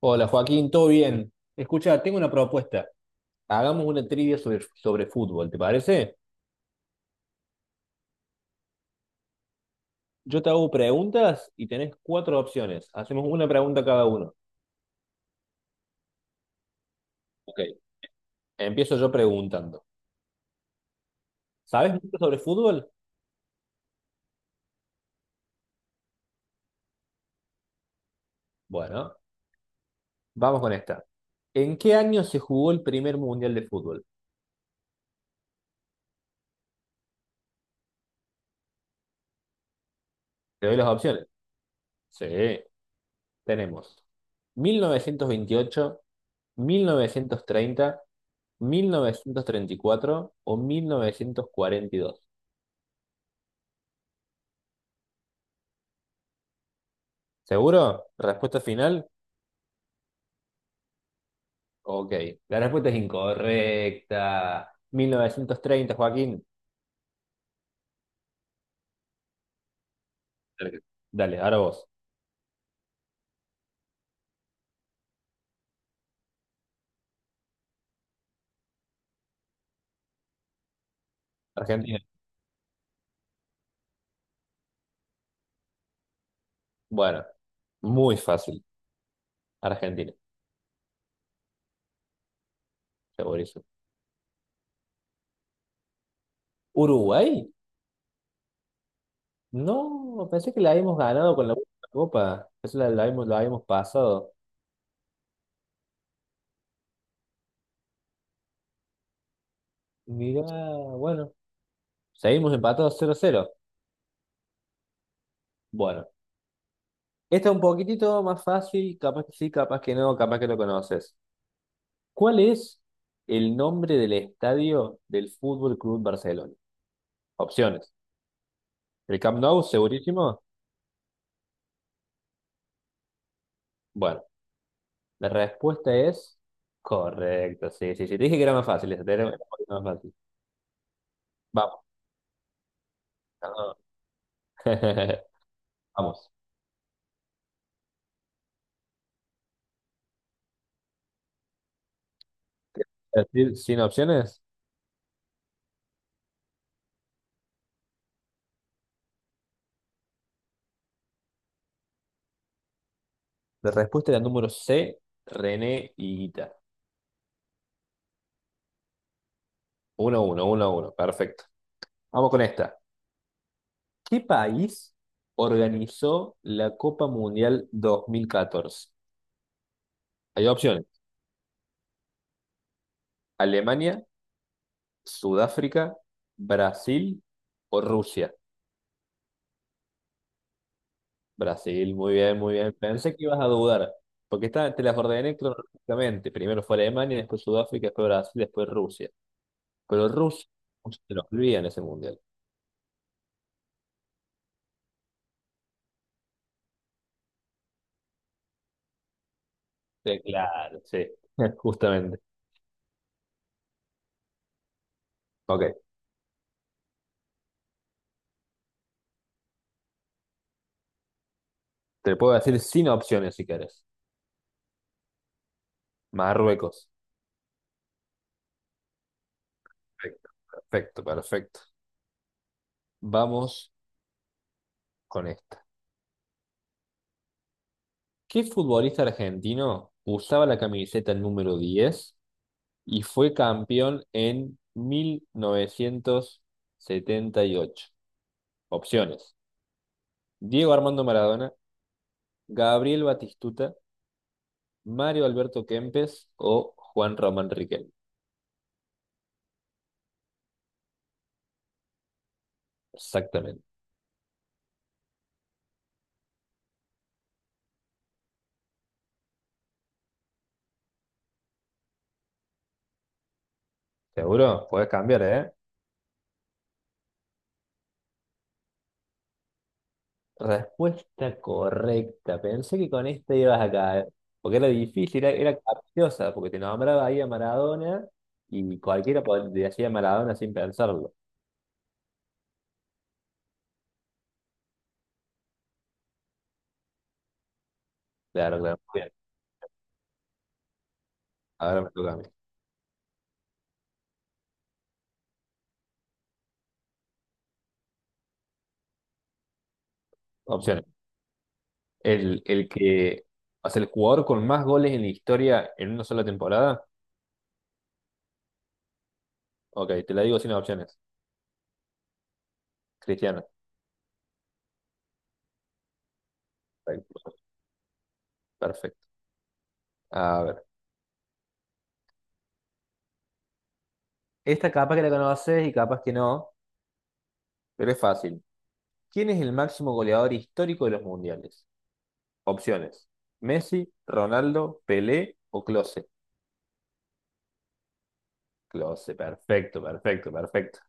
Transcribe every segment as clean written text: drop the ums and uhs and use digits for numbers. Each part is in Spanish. Hola Joaquín, ¿todo bien? Escucha, tengo una propuesta. Hagamos una trivia sobre fútbol, ¿te parece? Yo te hago preguntas y tenés cuatro opciones. Hacemos una pregunta cada uno. Ok. Empiezo yo preguntando. ¿Sabes mucho sobre fútbol? Bueno, vamos con esta. ¿En qué año se jugó el primer mundial de fútbol? Te doy las opciones. Sí, tenemos 1928, 1930, 1934 o 1942. ¿Seguro? ¿Respuesta final? Ok, la respuesta es incorrecta. 1930, Joaquín. Cerca. Dale, ahora vos. Argentina. Bueno, muy fácil. Argentina, segurísimo. ¿Uruguay? No, pensé que la habíamos ganado con la última copa. Eso la habíamos pasado. Mirá, bueno. Seguimos empatados 0-0. Bueno, esta es un poquitito más fácil. Capaz que sí, capaz que no, capaz que lo conoces. ¿Cuál es el nombre del estadio del Fútbol Club Barcelona? Opciones. ¿El Camp Nou, segurísimo? Bueno, la respuesta es correcta. Sí, sí, sí. Te dije que era más fácil. Esa, te era un poquito más fácil. Vamos. No. Vamos. Decir. Sin opciones. La respuesta era el número C, René Higuita. Uno, uno, uno, uno. Perfecto. Vamos con esta. ¿Qué país organizó la Copa Mundial 2014? Hay opciones. Alemania, Sudáfrica, Brasil o Rusia. Brasil, muy bien, muy bien. Pensé que ibas a dudar, porque está, te las ordené cronológicamente. Primero fue Alemania, después Sudáfrica, después Brasil, después Rusia. Pero Rusia no se nos olvida en ese mundial. Sí, claro, sí, justamente. Ok, te puedo decir sin opciones si querés. Marruecos. Perfecto, perfecto, perfecto. Vamos con esta. ¿Qué futbolista argentino usaba la camiseta número 10 y fue campeón en 1978? Opciones: Diego Armando Maradona, Gabriel Batistuta, Mario Alberto Kempes o Juan Román Riquelme. Exactamente. ¿Seguro? Puedes cambiar, ¿eh? Respuesta correcta. Pensé que con esta ibas a caer. Porque era difícil, era capciosa, porque te nombraba ahí a Maradona y cualquiera te decía Maradona sin pensarlo. Claro, claro. Muy bien. Ahora me toca a mí. Opciones. El que. Hace el jugador con más goles en la historia en una sola temporada. Ok, te la digo sin opciones. Cristiano. Perfecto, perfecto. A ver. Esta capaz que la conoces y capaz que no, pero es fácil. ¿Quién es el máximo goleador histórico de los mundiales? Opciones. Messi, Ronaldo, Pelé o Klose. Klose, perfecto, perfecto, perfecto.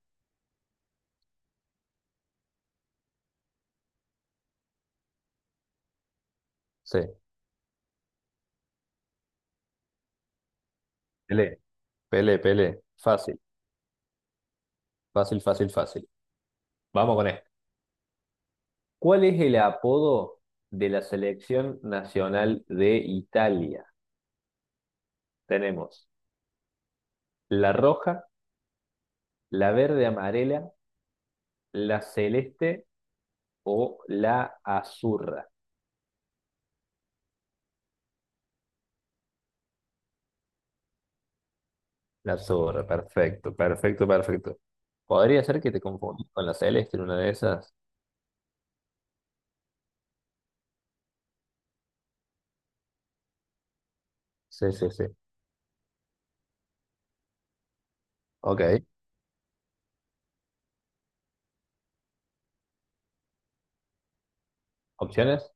Sí. Pelé. Pelé, Pelé. Fácil, fácil, fácil, fácil. Vamos con esto. ¿Cuál es el apodo de la selección nacional de Italia? Tenemos la roja, la verde amarela, la celeste o la azurra. La azurra, perfecto, perfecto, perfecto. Podría ser que te confundas con la celeste en una de esas. Sí, sí, sí. Ok. Opciones,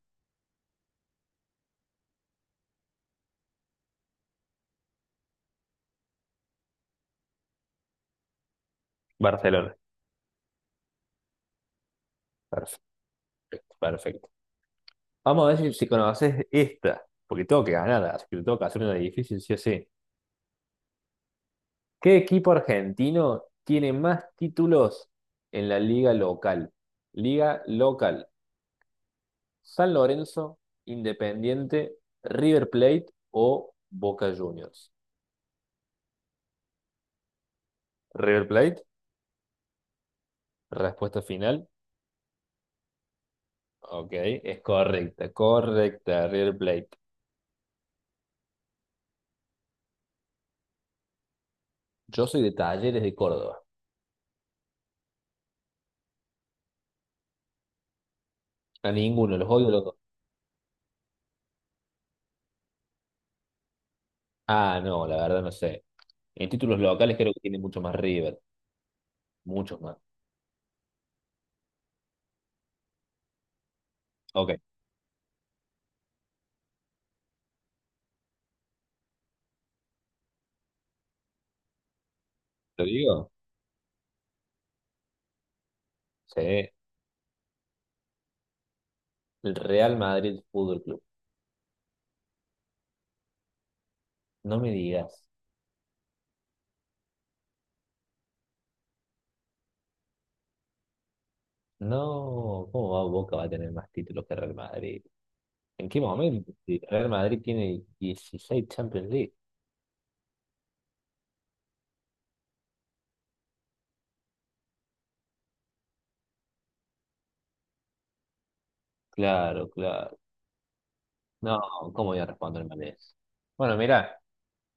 Barcelona. Perfecto, perfecto. Vamos a ver si conoces esta, porque tengo que ganar, así que tengo que hacer una difícil, sí o sí. ¿Qué equipo argentino tiene más títulos en la liga local? Liga local. San Lorenzo, Independiente, River Plate o Boca Juniors. River Plate, respuesta final. Ok, es correcta, correcta, River Plate. Yo soy de Talleres de Córdoba. A ninguno, los odio a los dos. Ah, no, la verdad no sé. En títulos locales creo que tiene mucho más River, muchos más. Ok, ¿lo digo? Sí, el Real Madrid Fútbol Club. No me digas. No, ¿cómo va Boca va a tener más títulos que Real Madrid? ¿En qué momento? Si Real Madrid tiene 16 Champions League. Claro, claro. No, ¿cómo voy a responder mal eso? Bueno, mira,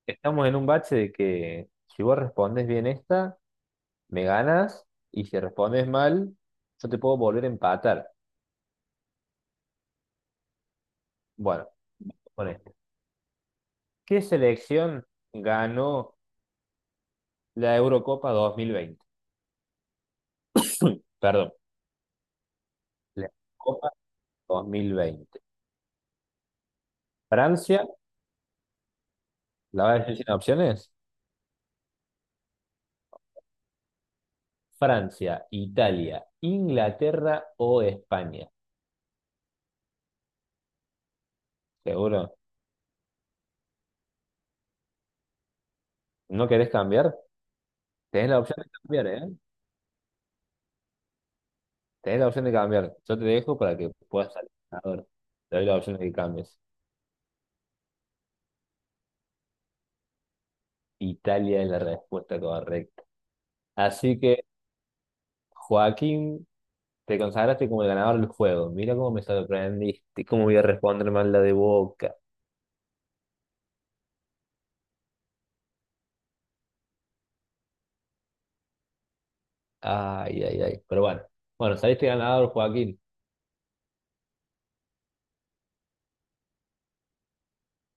estamos en un bache de que si vos respondes bien esta, me ganas, y si respondes mal, yo te puedo volver a empatar. Bueno, con esto. ¿Qué selección ganó la Eurocopa 2020? Perdón, la Eurocopa 2020. ¿Francia? ¿La vas a decir sin opciones? Francia, Italia, Inglaterra o España. ¿Seguro? ¿No querés cambiar? Tenés la opción de cambiar, ¿eh? Tenés la opción de cambiar. Yo te dejo para que puedas salir ganador. Te doy la opción de que cambies. Italia es la respuesta correcta. Así que, Joaquín, te consagraste como el ganador del juego. Mira cómo me sorprendiste. Cómo voy a responder mal la de Boca. Ay, ay, ay. Pero bueno. Bueno, saliste ganador, Joaquín.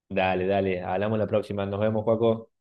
Dale, dale. Hablamos la próxima. Nos vemos, Joaco.